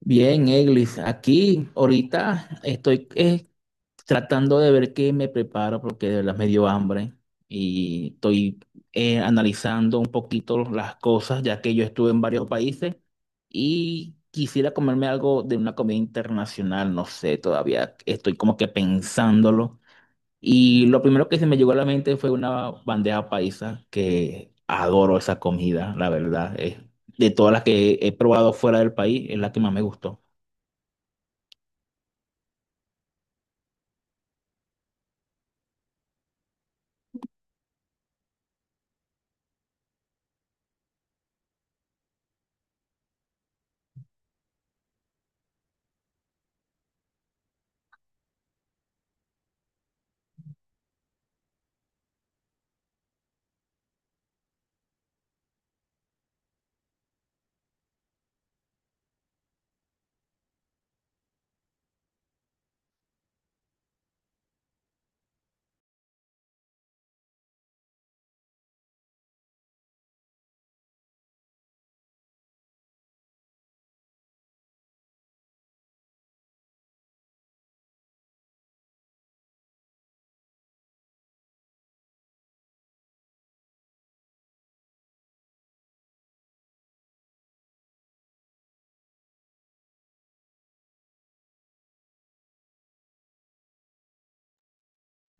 Bien, Eglis, aquí ahorita estoy tratando de ver qué me preparo porque de verdad me dio hambre y estoy analizando un poquito las cosas ya que yo estuve en varios países y quisiera comerme algo de una comida internacional, no sé, todavía estoy como que pensándolo y lo primero que se me llegó a la mente fue una bandeja paisa que adoro esa comida, la verdad, es de todas las que he probado fuera del país es la que más me gustó.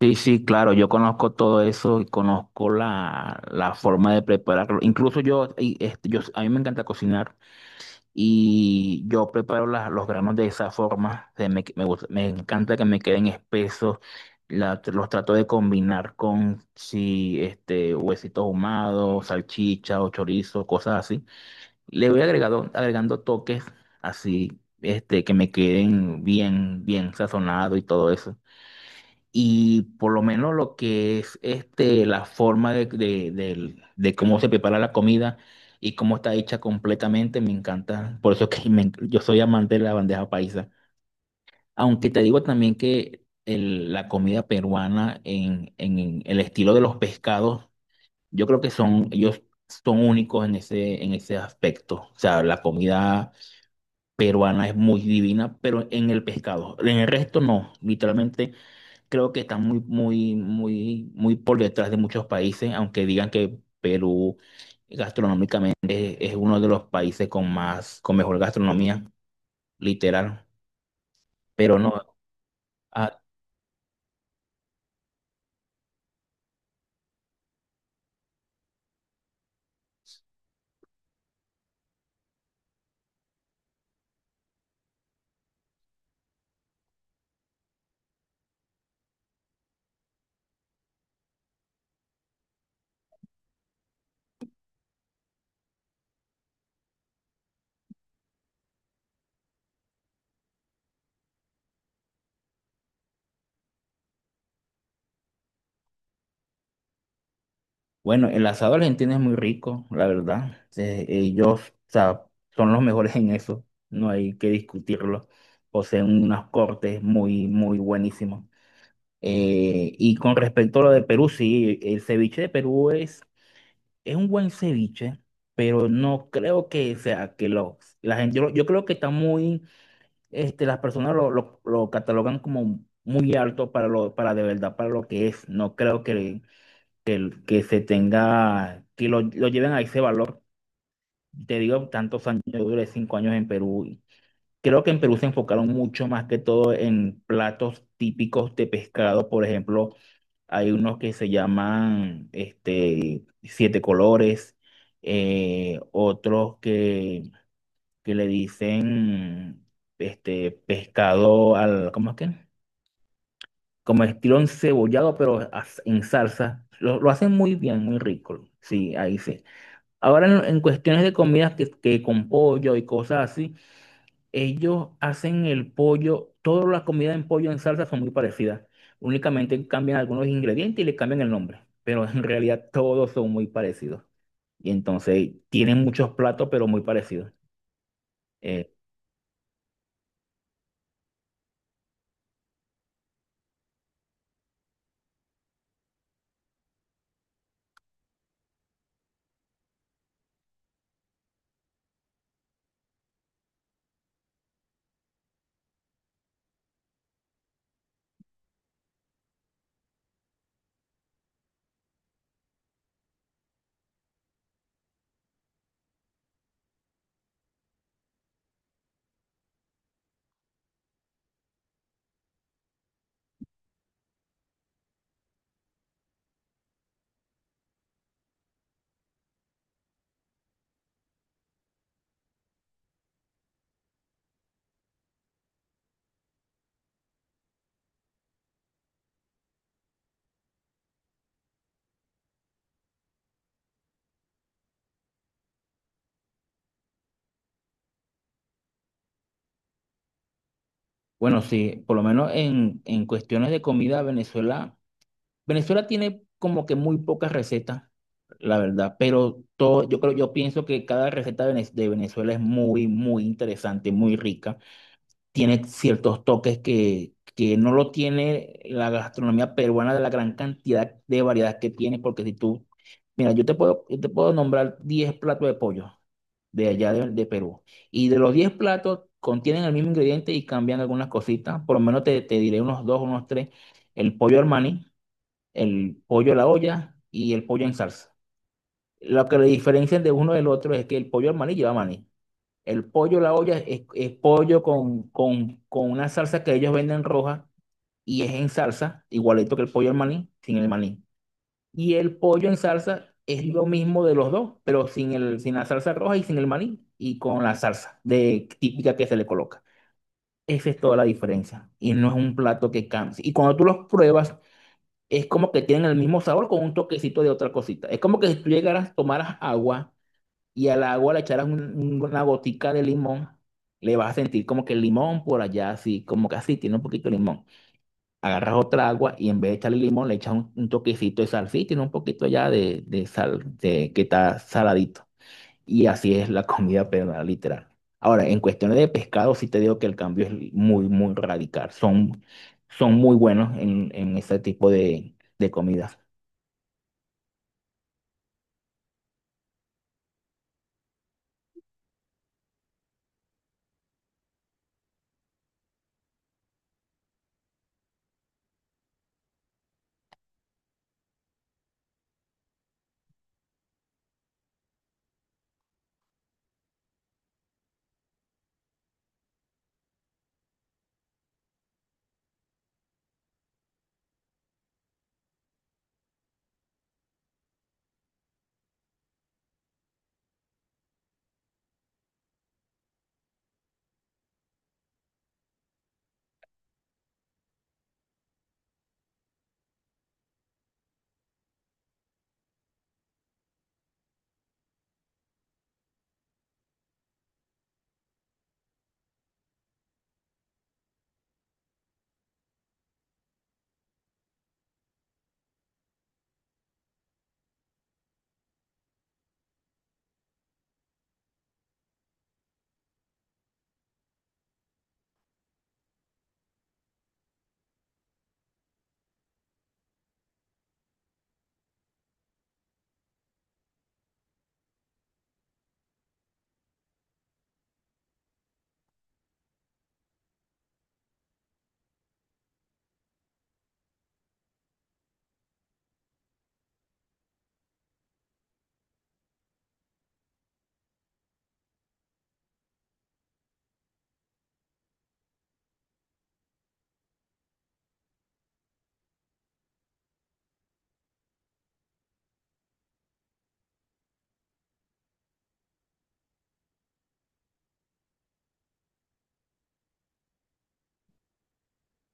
Sí, sí, claro, yo conozco todo eso y conozco la forma de prepararlo. Incluso yo, y, este, yo, a mí me encanta cocinar y yo preparo los granos de esa forma. Se me, me gusta- me encanta que me queden espesos. Los trato de combinar con si este huesitos ahumados, salchicha o chorizo, cosas así. Le voy agregado, agregando toques así, este, que me queden bien, bien sazonados y todo eso. Y por lo menos lo que es este, la forma de cómo se prepara la comida y cómo está hecha completamente, me encanta. Por eso que yo soy amante de la bandeja paisa. Aunque te digo también que la comida peruana en el estilo de los pescados, yo creo que son, ellos son únicos en ese aspecto. O sea, la comida peruana es muy divina, pero en el pescado. En el resto no, literalmente creo que están muy, muy, muy, muy por detrás de muchos países, aunque digan que Perú gastronómicamente es uno de los países con más, con mejor gastronomía, literal. Pero no, ah, bueno, el asado argentino es muy rico, la verdad. Ellos, o sea, son los mejores en eso, no hay que discutirlo. Poseen unos cortes muy, muy buenísimos. Y con respecto a lo de Perú, sí, el ceviche de Perú es es un buen ceviche, pero no creo que sea que lo, la gente, yo creo que está muy, este, las personas lo catalogan como muy alto para lo, para de verdad, para lo que es. No creo que se tenga, lo lleven a ese valor. Te digo, tantos años, yo duré 5 años en Perú. Y creo que en Perú se enfocaron mucho más que todo en platos típicos de pescado, por ejemplo hay unos que se llaman este, siete colores, otros que le dicen este, pescado al, ¿cómo es que? Como estilo encebollado, pero en salsa. Lo hacen muy bien, muy rico. Sí, ahí sí. Ahora en cuestiones de comidas que con pollo y cosas así. Ellos hacen el pollo, todas las comidas en pollo en salsa son muy parecidas. Únicamente cambian algunos ingredientes y le cambian el nombre, pero en realidad todos son muy parecidos. Y entonces tienen muchos platos, pero muy parecidos. Eh, bueno, sí, por lo menos en cuestiones de comida, Venezuela tiene como que muy pocas recetas, la verdad, pero todo, yo creo, yo pienso que cada receta de de Venezuela es muy, muy interesante, muy rica. Tiene ciertos toques que no lo tiene la gastronomía peruana de la gran cantidad de variedad que tiene, porque si tú, mira, yo te puedo nombrar 10 platos de pollo de allá de Perú, y de los 10 platos contienen el mismo ingrediente y cambian algunas cositas, por lo menos te diré unos dos, unos tres, el pollo Armani, el pollo a la olla y el pollo en salsa. Lo que le diferencian de uno del otro es que el pollo Armani lleva maní. El pollo a la olla es pollo con una salsa que ellos venden roja y es en salsa, igualito que el pollo al maní, sin el maní. Y el pollo en salsa es lo mismo de los dos, pero sin el, sin la salsa roja y sin el maní y con la salsa de, típica que se le coloca. Esa es toda la diferencia. Y no es un plato que canse. Y cuando tú los pruebas, es como que tienen el mismo sabor con un toquecito de otra cosita. Es como que si tú llegaras, tomaras agua y al agua le echaras una gotica de limón, le vas a sentir como que el limón por allá, así, como que así, tiene un poquito de limón. Agarras otra agua y en vez de echarle limón, le echas un toquecito de sal, sí, tiene un poquito allá de sal, de, que está saladito. Y así es la comida peruana, literal. Ahora, en cuestiones de pescado, sí te digo que el cambio es muy, muy radical. Son, son muy buenos en ese tipo de comidas.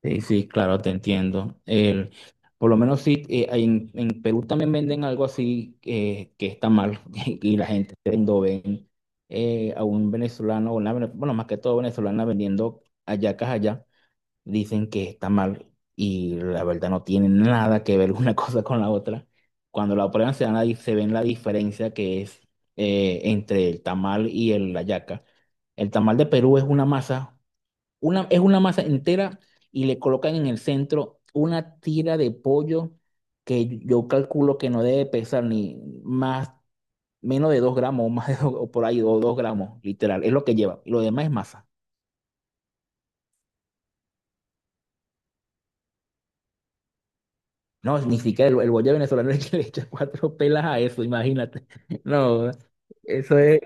Sí, sí, claro, te entiendo. El, por lo menos sí, en Perú también venden algo así que está mal y la gente cuando ven a un venezolano, o una bueno, más que todo venezolana vendiendo hallacas allá, dicen que está mal y la verdad no tiene nada que ver una cosa con la otra. Cuando la prueban se ven la diferencia que es entre el tamal y el hallaca. El tamal de Perú es una masa. Una, es una masa entera y le colocan en el centro una tira de pollo que yo calculo que no debe pesar ni más, menos de 2 gramos o más de o por ahí, o 2 gramos, literal. Es lo que lleva. Y lo demás es masa. No, ni siquiera el bollero venezolano es el que le echa cuatro pelas a eso, imagínate. No, eso es.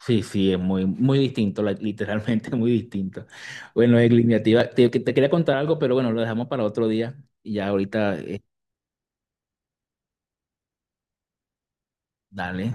Sí, sí, es muy, muy distinto, literalmente muy distinto. Bueno, es iniciativa. Te quería contar algo, pero bueno, lo dejamos para otro día. Y ya ahorita, dale.